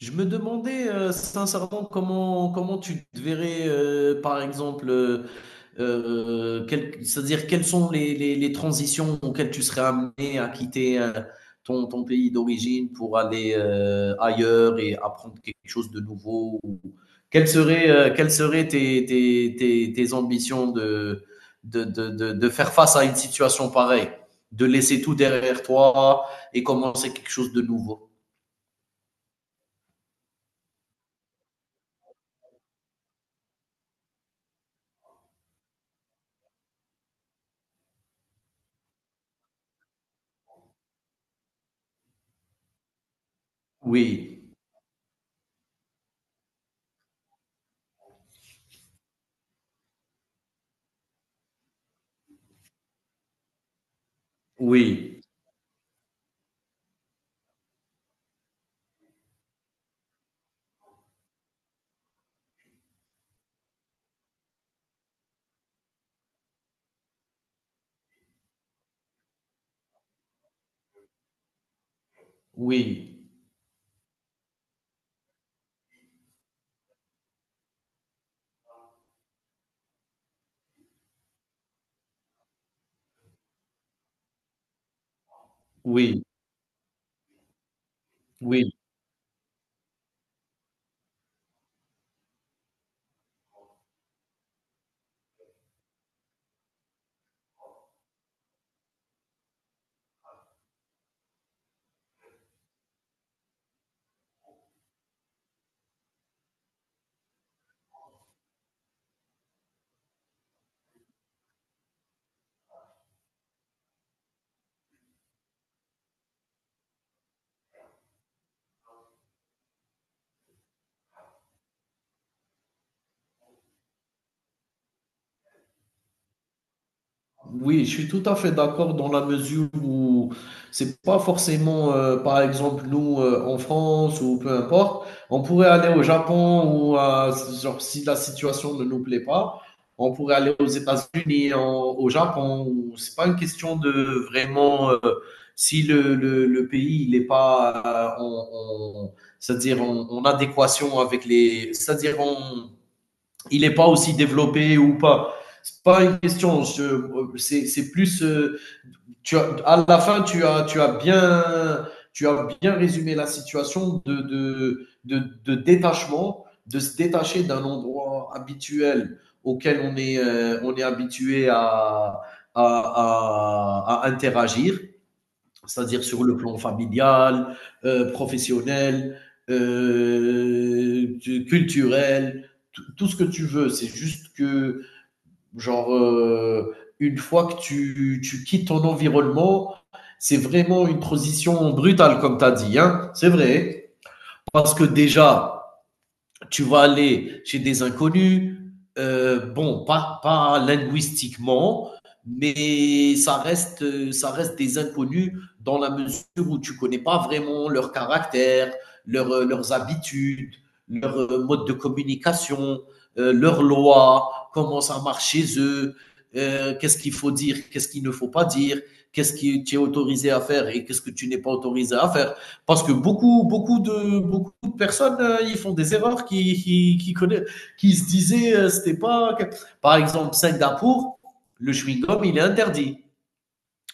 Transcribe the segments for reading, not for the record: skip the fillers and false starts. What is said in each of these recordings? Je me demandais sincèrement comment tu te verrais, par exemple, c'est-à-dire quelles sont les transitions auxquelles tu serais amené à quitter ton pays d'origine pour aller ailleurs et apprendre quelque chose de nouveau quelles seraient tes ambitions de faire face à une situation pareille, de laisser tout derrière toi et commencer quelque chose de nouveau? Oui, oui. Oui, oui, oui, oui, je suis tout à fait d'accord dans la mesure où c'est pas forcément, par exemple, nous en France ou peu importe, on pourrait aller au Japon ou à- genre si la situation ne nous plaît pas, on pourrait aller aux États-Unis, au Japon. C'est pas une question de vraiment si le pays il est pas en, en- c'est-à-dire en, en adéquation avec les, c'est-à-dire en il n'est pas aussi développé ou pas. C'est pas une question. C'est plus. À la fin, tu as bien. Tu as bien résumé la situation de détachement, de se détacher d'un endroit habituel auquel on est habitué à interagir c'est-à-dire sur le plan familial, professionnel, euh, culturel, tout ce que tu veux. C'est juste que, genre, une fois que tu quittes ton environnement, c'est vraiment une transition brutale, comme tu as dit. Hein, c'est vrai. Parce que déjà, tu vas aller chez des inconnus, bon, pas linguistiquement, mais ça reste des inconnus dans la mesure où tu ne connais pas vraiment leur caractère, leurs habitudes, leur mode de communication, leurs lois, comment ça marche chez eux, qu'est-ce qu'il faut dire, qu'est-ce qu'il ne faut pas dire, qu'est-ce que tu es autorisé à faire et qu'est-ce que tu n'es pas autorisé à faire. Parce que beaucoup de personnes, ils font des erreurs qui se disaient, c'était pas. Par exemple, Singapour, le chewing-gum, il est interdit.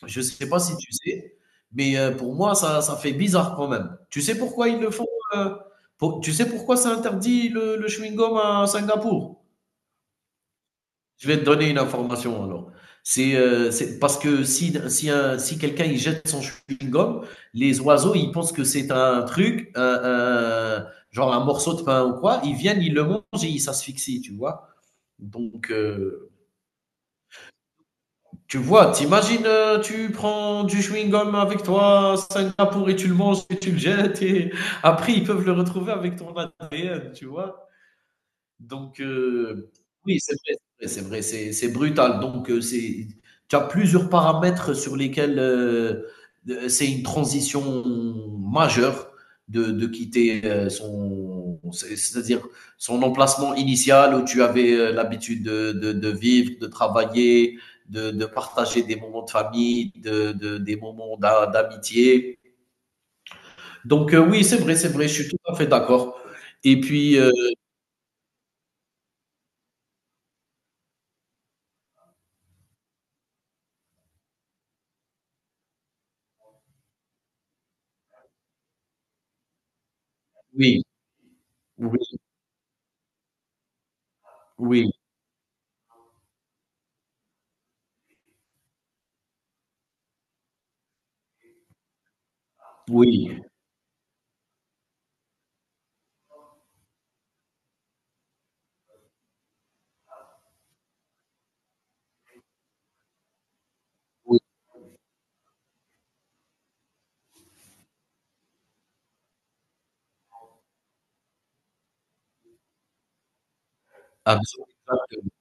Je ne sais pas si tu sais, mais pour moi, ça fait bizarre quand même. Tu sais pourquoi ils le font euh, Tu sais pourquoi c'est interdit le chewing-gum à Singapour? Je vais te donner une information alors. C'est parce que si quelqu'un il jette son chewing-gum, les oiseaux ils pensent que c'est un genre un morceau de pain ou quoi, ils viennent, ils le mangent et ils s'asphyxient, tu vois. Donc tu vois, t'imagines, tu prends du chewing-gum avec toi, Singapour, et tu le manges et tu le jettes et après ils peuvent le retrouver avec ton ADN, tu vois. Donc, oui, c'est vrai, c'est brutal. Donc, c'est tu as plusieurs paramètres sur lesquels, de c'est une transition majeure de quitter, son c'est-à-dire son emplacement initial où tu avais, l'habitude de vivre, de travailler, de partager des moments de famille, de des moments d'amitié. Donc, oui, c'est vrai, je suis tout à fait d'accord et puis, oui, oui, oui, oui. Oui, absolument.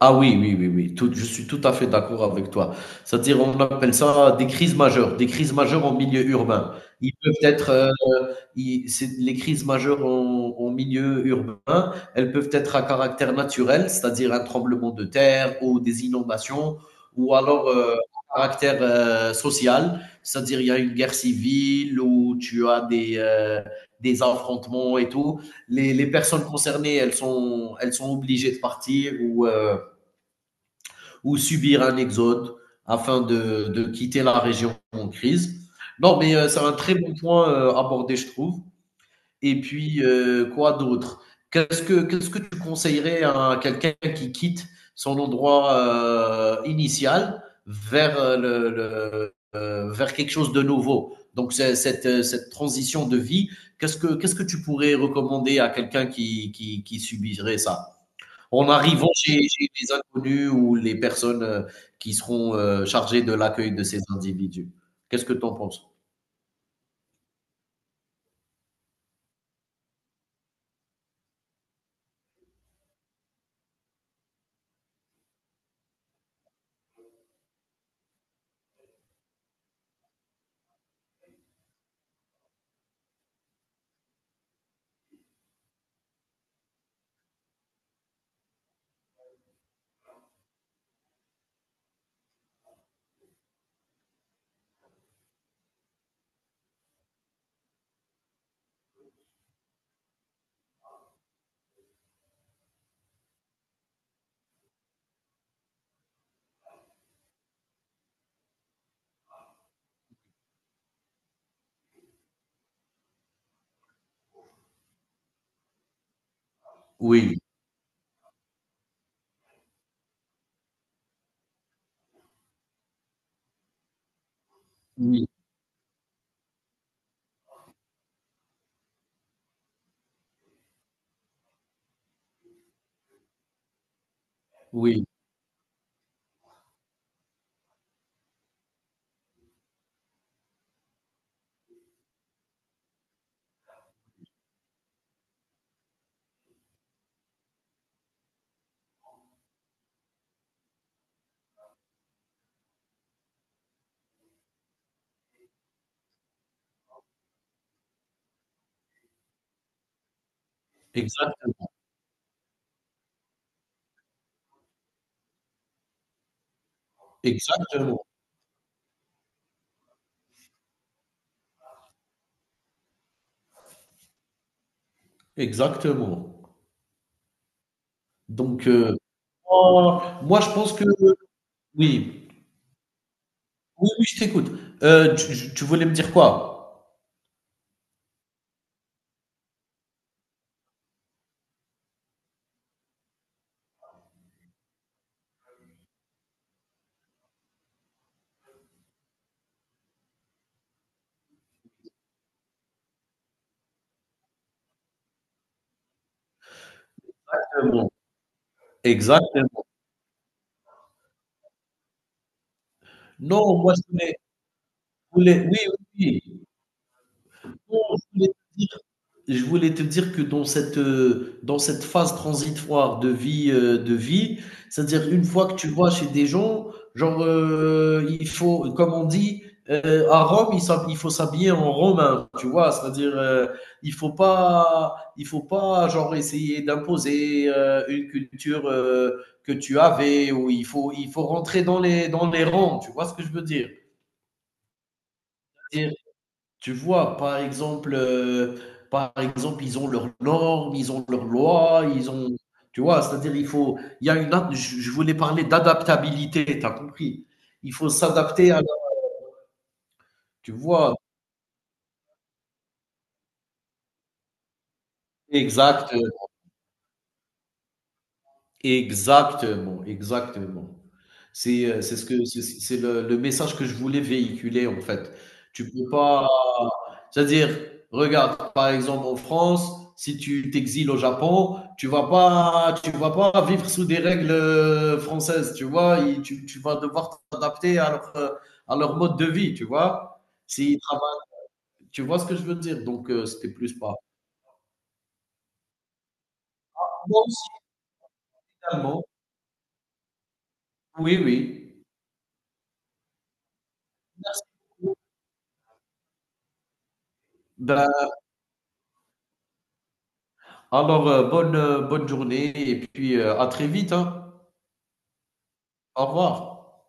Ah oui, oui, oui, oui, je suis tout à fait d'accord avec toi. C'est-à-dire, on appelle ça des crises majeures en milieu urbain. Ils peuvent être, les crises majeures en milieu urbain, elles peuvent être à caractère naturel, c'est-à-dire un tremblement de terre ou des inondations, ou alors à caractère social, c'est-à-dire il y a une guerre civile ou tu as des affrontements et tout. Les personnes concernées, elles sont obligées de partir ou subir un exode afin de quitter la région en crise. Non, mais c'est un très bon point abordé, je trouve. Et puis, quoi d'autre? Qu'est-ce que tu conseillerais à quelqu'un qui quitte son endroit initial vers, vers quelque chose de nouveau? Donc, cette, cette transition de vie, qu'est-ce que tu pourrais recommander à quelqu'un qui subirait ça en arrivant chez les inconnus ou les personnes, qui seront, chargées de l'accueil de ces individus. Qu'est-ce que tu en penses? Oui, oui, oui, exactement, exactement, exactement. Donc, oh, moi je pense que oui, oui, oui, je t'écoute. Tu voulais me dire quoi? Exactement, exactement. Non, moi je voulais oui, oui, oui. Non, je voulais te dire. Je voulais te dire que dans cette phase transitoire de vie, c'est-à-dire une fois que tu vas chez des gens, genre, il faut, comme on dit, à Rome, il faut s'habiller en romain, tu vois, c'est-à-dire, il faut pas, genre, essayer d'imposer une culture que tu avais, ou il faut rentrer dans dans les rangs, tu vois ce que je veux dire? Tu vois, par exemple, ils ont leurs normes, ils ont leurs lois, ils ont, tu vois, c'est-à-dire il faut, il y a je voulais parler d'adaptabilité, t'as compris? Il faut s'adapter tu vois, exact. Exactement, exactement. C'est ce que c'est le message que je voulais véhiculer, en fait. Tu peux pas c'est-à-dire, regarde, par exemple, en France, si tu t'exiles au Japon, tu vas pas vivre sous des règles, françaises, tu vois? Il tu vas devoir t'adapter à leur mode de vie, tu vois? S'ils travaillent tu vois ce que je veux dire? Donc, c'était plus pas. Moi aussi, finalement. Oui, oui. Merci. Ben alors, bonne, bonne journée et puis à très vite, hein. Au revoir.